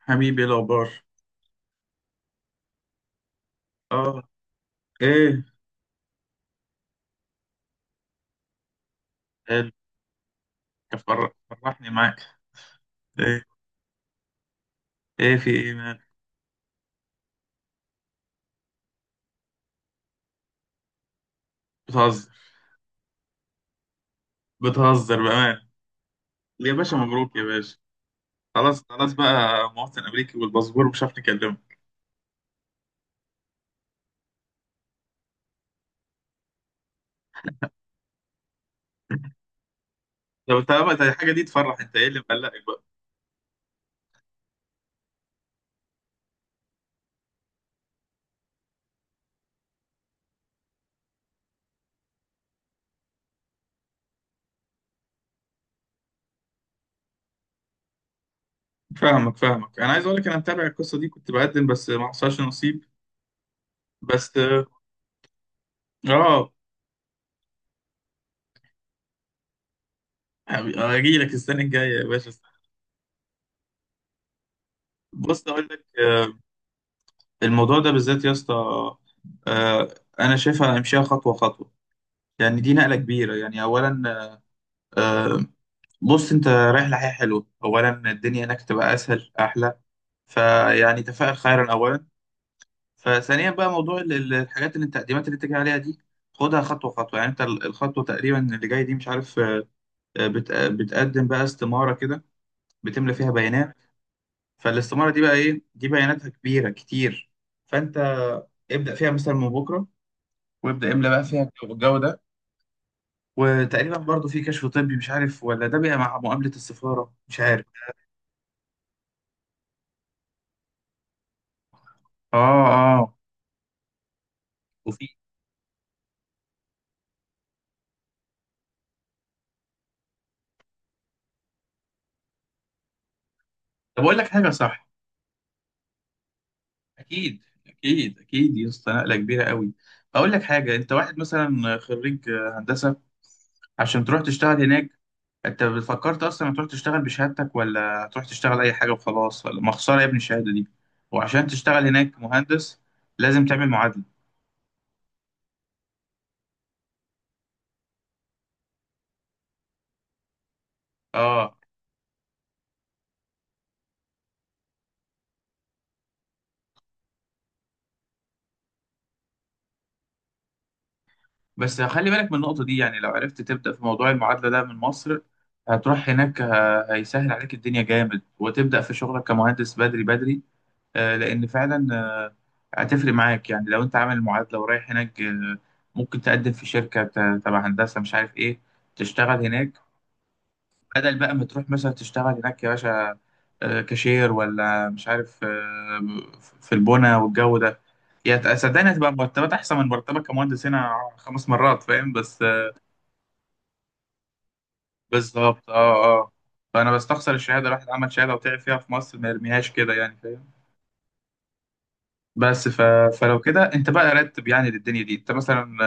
حبيبي، إيه الأخبار؟ اه. ايه؟ حلو. فرحني معاك. ايه، ايه في ايه؟ مال؟ بتهزر؟ بتهزر بأمان؟ يا باشا، مبروك يا باشا. خلاص خلاص بقى مواطن أمريكي والباسبور، مش عارف نكلمك. طب انت بقى، ده الحاجة دي تفرح، انت ايه اللي مقلقك بقى؟ فاهمك فاهمك، انا عايز اقول لك انا متابع القصة دي، كنت بقدم بس ما حصلش نصيب. بس اه. اجي لك السنة الجاية يا باشا. بص اقول لك الموضوع ده بالذات يا اسطى، آه، انا شايفها امشيها خطوة خطوة. يعني دي نقلة كبيرة، يعني أولا آه، بص أنت رايح لحياة حلوة، أولا الدنيا هناك تبقى أسهل أحلى، فيعني تفائل خيرا أولا. فثانيا بقى موضوع الحاجات اللي أنت، التقديمات اللي أنت جاي عليها دي، خدها خطوة خطوة. يعني أنت الخطوة تقريبا اللي جاي دي، مش عارف بتقدم بقى استمارة كده، بتملى فيها بيانات. فالاستمارة دي بقى، إيه دي بياناتها كبيرة كتير. فأنت ابدأ فيها مثلا من بكرة، وابدأ املى بقى فيها الجو ده. وتقريبا برضو في كشف طبي، مش عارف ولا ده بقى مع مقابلة السفارة، مش عارف. اه اه. وفي، طب اقول لك حاجة صح. اكيد اكيد اكيد يا اسطى، نقلة كبيرة قوي. اقول لك حاجة، انت واحد مثلا خريج هندسة، عشان تروح تشتغل هناك، انت فكرت اصلا تروح تشتغل بشهادتك، ولا تروح تشتغل اي حاجة وخلاص، ولا ما خسارة يا ابني الشهادة دي؟ وعشان تشتغل هناك مهندس لازم تعمل معادلة. اه، بس خلي بالك من النقطة دي. يعني لو عرفت تبدأ في موضوع المعادلة ده من مصر، هتروح هناك هيسهل عليك الدنيا جامد، وتبدأ في شغلك كمهندس بدري بدري. لأن فعلا هتفرق معاك. يعني لو أنت عامل معادلة ورايح هناك ممكن تقدم في شركة تبع هندسة، مش عارف إيه، تشتغل هناك. بدل بقى ما تروح مثلا تشتغل هناك يا باشا كاشير، ولا مش عارف في البنا والجو ده. يعني صدقني هتبقى مرتبات أحسن من مرتبك كمهندس هنا خمس مرات، فاهم؟ بس، بالظبط اه اه. فانا بستخسر الشهاده، الواحد عمل شهاده وتعب فيها في مصر، ما يرميهاش كده يعني، فاهم؟ بس فلو كده انت بقى رتب يعني للدنيا دي. انت مثلا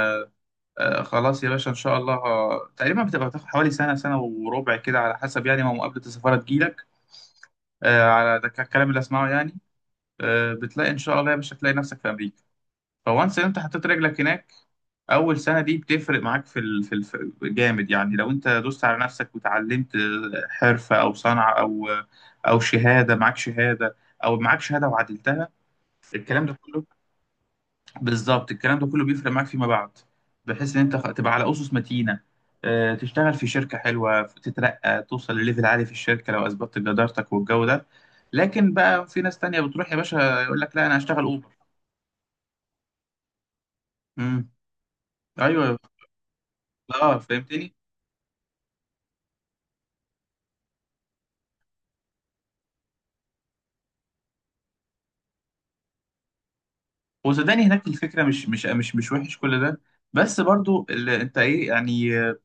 خلاص يا باشا، ان شاء الله تقريبا بتبقى بتاخد حوالي سنه سنه وربع كده، على حسب يعني ما مقابله السفاره تجيلك، على ده الكلام اللي اسمعه يعني. بتلاقي ان شاء الله يا باشا، تلاقي نفسك في امريكا. فوانس انت حطيت رجلك هناك، اول سنه دي بتفرق معاك في ال... في الف... جامد. يعني لو انت دوست على نفسك وتعلمت حرفه او صنعه او شهاده، معاك شهاده او معاك شهاده وعدلتها، الكلام ده كله، بالظبط الكلام ده كله بيفرق معاك فيما بعد، بحيث ان انت تبقى على اسس متينه. تشتغل في شركه حلوه، تترقى، توصل لليفل عالي في الشركه لو اثبتت جدارتك والجو ده. لكن بقى في ناس تانية بتروح يا باشا يقول لك لا انا هشتغل اوبر. امم ايوه، اه فهمتني. وصدقني هناك الفكره مش وحش كل ده، بس برضو اللي انت ايه يعني،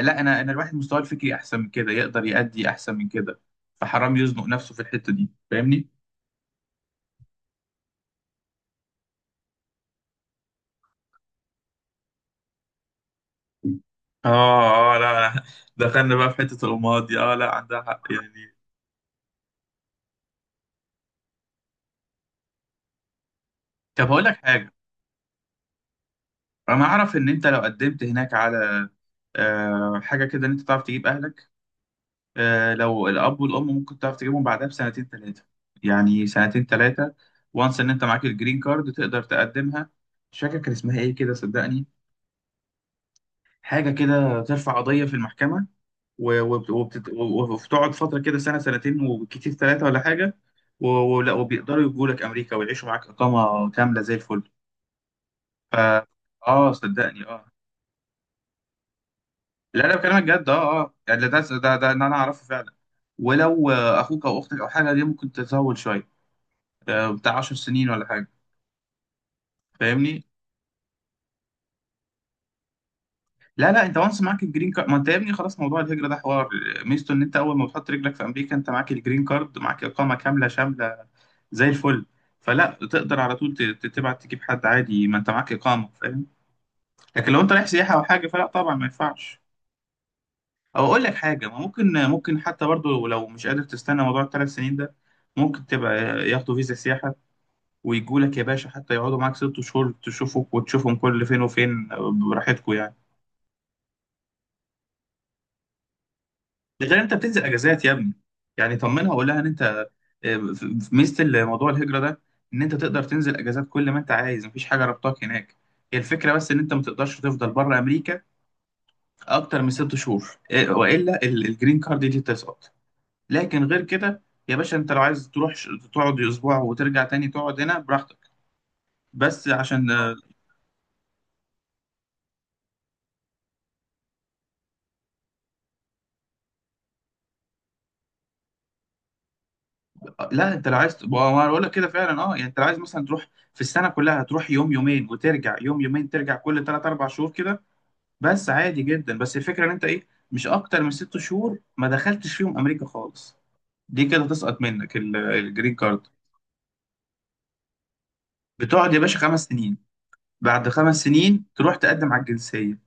لا انا الواحد مستواه الفكري احسن من كده، يقدر يأدي احسن من كده. فحرام يزنق نفسه في الحته دي، فاهمني؟ اه اه. لا لا، دخلنا بقى في حته الامهات دي. اه، لا عندها حق يعني. طب هقول لك حاجه، انا اعرف ان انت لو قدمت هناك على حاجه كده، ان انت تعرف تجيب اهلك. لو الأب والأم ممكن تعرف تجيبهم بعدها بسنتين ثلاثة. يعني سنتين ثلاثة، وانس إن أنت معاك الجرين كارد، تقدر تقدمها. مش فاكر كان اسمها إيه كده، صدقني حاجة كده، ترفع قضية في المحكمة، وبتقعد فترة كده سنة سنتين، وكتير ثلاثة ولا حاجة. و- ولا وبيقدروا يجوا لك أمريكا ويعيشوا معاك إقامة كاملة زي الفل. ف صدقني لا لا، بكلمك جد. يعني ده إن أنا أعرفه فعلا. ولو أخوك أو أختك أو حاجة دي، ممكن تطول شوية بتاع 10 سنين ولا حاجه، فاهمني؟ لا لا، انت وانس معاك الجرين كارد، ما انت يا ابني خلاص موضوع الهجره ده حوار. ميزته ان انت اول ما بتحط رجلك في امريكا، انت معاك الجرين كارد، معاك اقامه كامله شامله زي الفل. فلا تقدر على طول تبعت تجيب حد عادي، ما انت معاك اقامه، فاهم؟ لكن لو انت رايح سياحه او حاجه، فلا طبعا ما ينفعش. او اقول لك حاجه، ما ممكن حتى برضو، لو مش قادر تستنى موضوع الثلاث سنين ده، ممكن تبقى ياخدوا فيزا سياحه ويجوا لك يا باشا، حتى يقعدوا معاك ست شهور، تشوفوك وتشوفهم كل فين وفين، براحتكم يعني. ده غير انت بتنزل اجازات يا ابني. يعني طمنها وقول لها ان انت، في ميزه الموضوع الهجره ده، ان انت تقدر تنزل اجازات كل ما انت عايز، مفيش حاجه ربطاك هناك. هي الفكره بس ان انت ما تقدرش تفضل بره امريكا اكتر من ست شهور، والا الجرين كارد دي تسقط. لكن غير كده يا باشا، انت لو عايز تروح تقعد اسبوع وترجع تاني تقعد هنا براحتك. بس عشان لا، انت لو عايز ما انا بقول لك كده فعلا، اه يعني. انت لو عايز مثلا تروح في السنه كلها، تروح يوم يومين وترجع، يوم يومين ترجع، كل ثلاث اربع شهور كده بس، عادي جدا. بس الفكره ان انت ايه، مش اكتر من ست شهور ما دخلتش فيهم امريكا خالص، دي كده تسقط منك الجرين كارد. بتقعد يا باشا خمس سنين، بعد خمس سنين تروح تقدم على الجنسيه.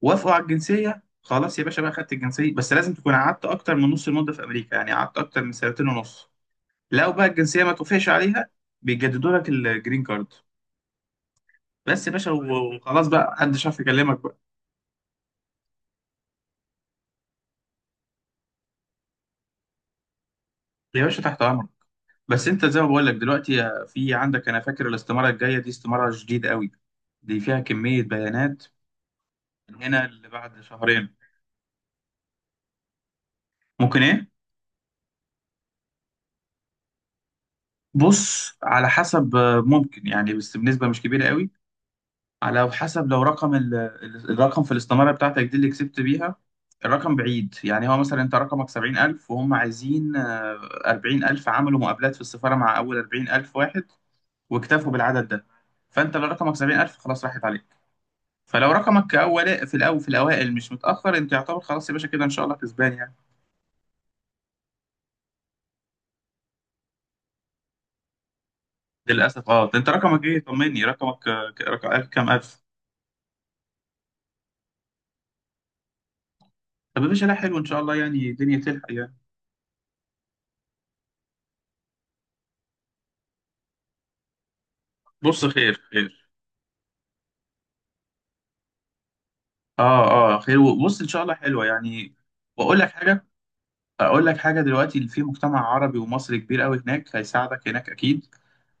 وافقوا على الجنسيه، خلاص يا باشا بقى خدت الجنسيه، بس لازم تكون قعدت اكتر من نص المده في امريكا، يعني قعدت اكتر من سنتين ونص. لو بقى الجنسيه ما توافقش عليها، بيجددوا لك الجرين كارد بس يا باشا، و- وخلاص بقى محدش عارف يكلمك بقى. يا باشا تحت امرك. بس انت زي ما بقول لك دلوقتي، في عندك، انا فاكر الاستماره الجايه دي استماره جديده قوي، دي فيها كميه بيانات. من هنا اللي بعد شهرين، ممكن ايه؟ بص على حسب، ممكن يعني، بس بنسبه مش كبيره قوي. على حسب لو رقم الرقم في الاستماره بتاعتك دي اللي كسبت بيها، الرقم بعيد. يعني هو مثلا انت رقمك 70,000 وهم عايزين 40,000، عملوا مقابلات في السفاره مع اول 40,000 واحد واكتفوا بالعدد ده. فانت لو رقمك 70,000، خلاص راحت عليك. فلو رقمك اول، في الاول، في الاوائل، مش متاخر، انت يعتبر خلاص يا باشا كده ان شاء الله كسبان يعني. للاسف اه. ده انت رقمك ايه؟ طمني رقمك رقم ألف كام الف؟ طب يا باشا، لا حلو ان شاء الله، يعني الدنيا تلحق يعني. بص خير خير. اه اه خير. بص ان شاء الله حلوه يعني. واقول لك حاجه، اقول لك حاجه دلوقتي، اللي في مجتمع عربي ومصري كبير قوي هناك، هيساعدك هناك اكيد.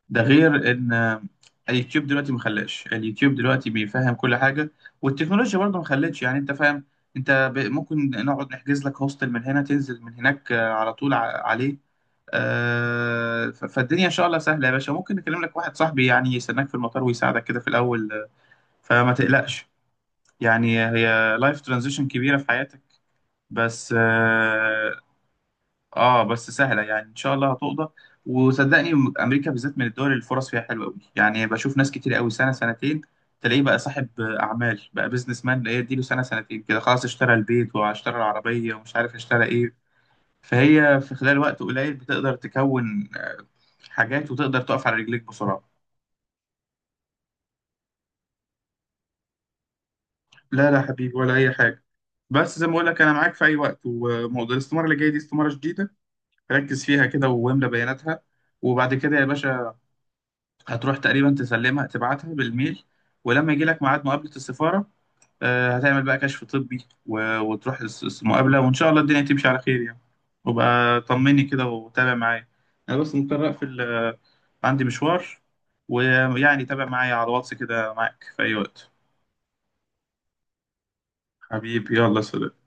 ده غير ان اليوتيوب دلوقتي ما خلاش، اليوتيوب دلوقتي بيفهم كل حاجه، والتكنولوجيا برضه ما خلتش، يعني انت فاهم. انت ممكن نقعد نحجز لك هوستل من هنا، تنزل من هناك على طول عليه. فالدنيا ان شاء الله سهله يا باشا، ممكن نكلم لك واحد صاحبي يعني يستناك في المطار ويساعدك كده في الاول فما تقلقش. يعني هي لايف ترانزيشن كبيره في حياتك، بس اه، بس سهله يعني ان شاء الله هتقضى. وصدقني امريكا بالذات من الدول اللي الفرص فيها حلوه قوي، يعني بشوف ناس كتير قوي سنه سنتين تلاقيه بقى صاحب اعمال، بقى بيزنس مان، اللي هي اديله سنه سنتين كده خلاص، اشترى البيت واشترى العربيه ومش عارف اشترى ايه. فهي في خلال وقت قليل بتقدر تكون حاجات، وتقدر تقف على رجليك بسرعه. لا لا حبيبي، ولا اي حاجه. بس زي ما بقول لك، انا معاك في اي وقت. وموضوع الاستماره اللي جايه دي، استماره جديده، ركز فيها كده واملى بياناتها، وبعد كده يا باشا هتروح تقريبا تسلمها، تبعتها بالميل، ولما يجي لك ميعاد مقابلة السفارة هتعمل بقى كشف طبي، و- وتروح المقابلة، وإن شاء الله الدنيا تمشي على خير يعني. وبقى طمني كده وتابع معايا. أنا بس مضطر أقفل عندي مشوار، ويعني تابع معايا على الواتس كده، معاك في أي وقت. حبيبي يلا سلام.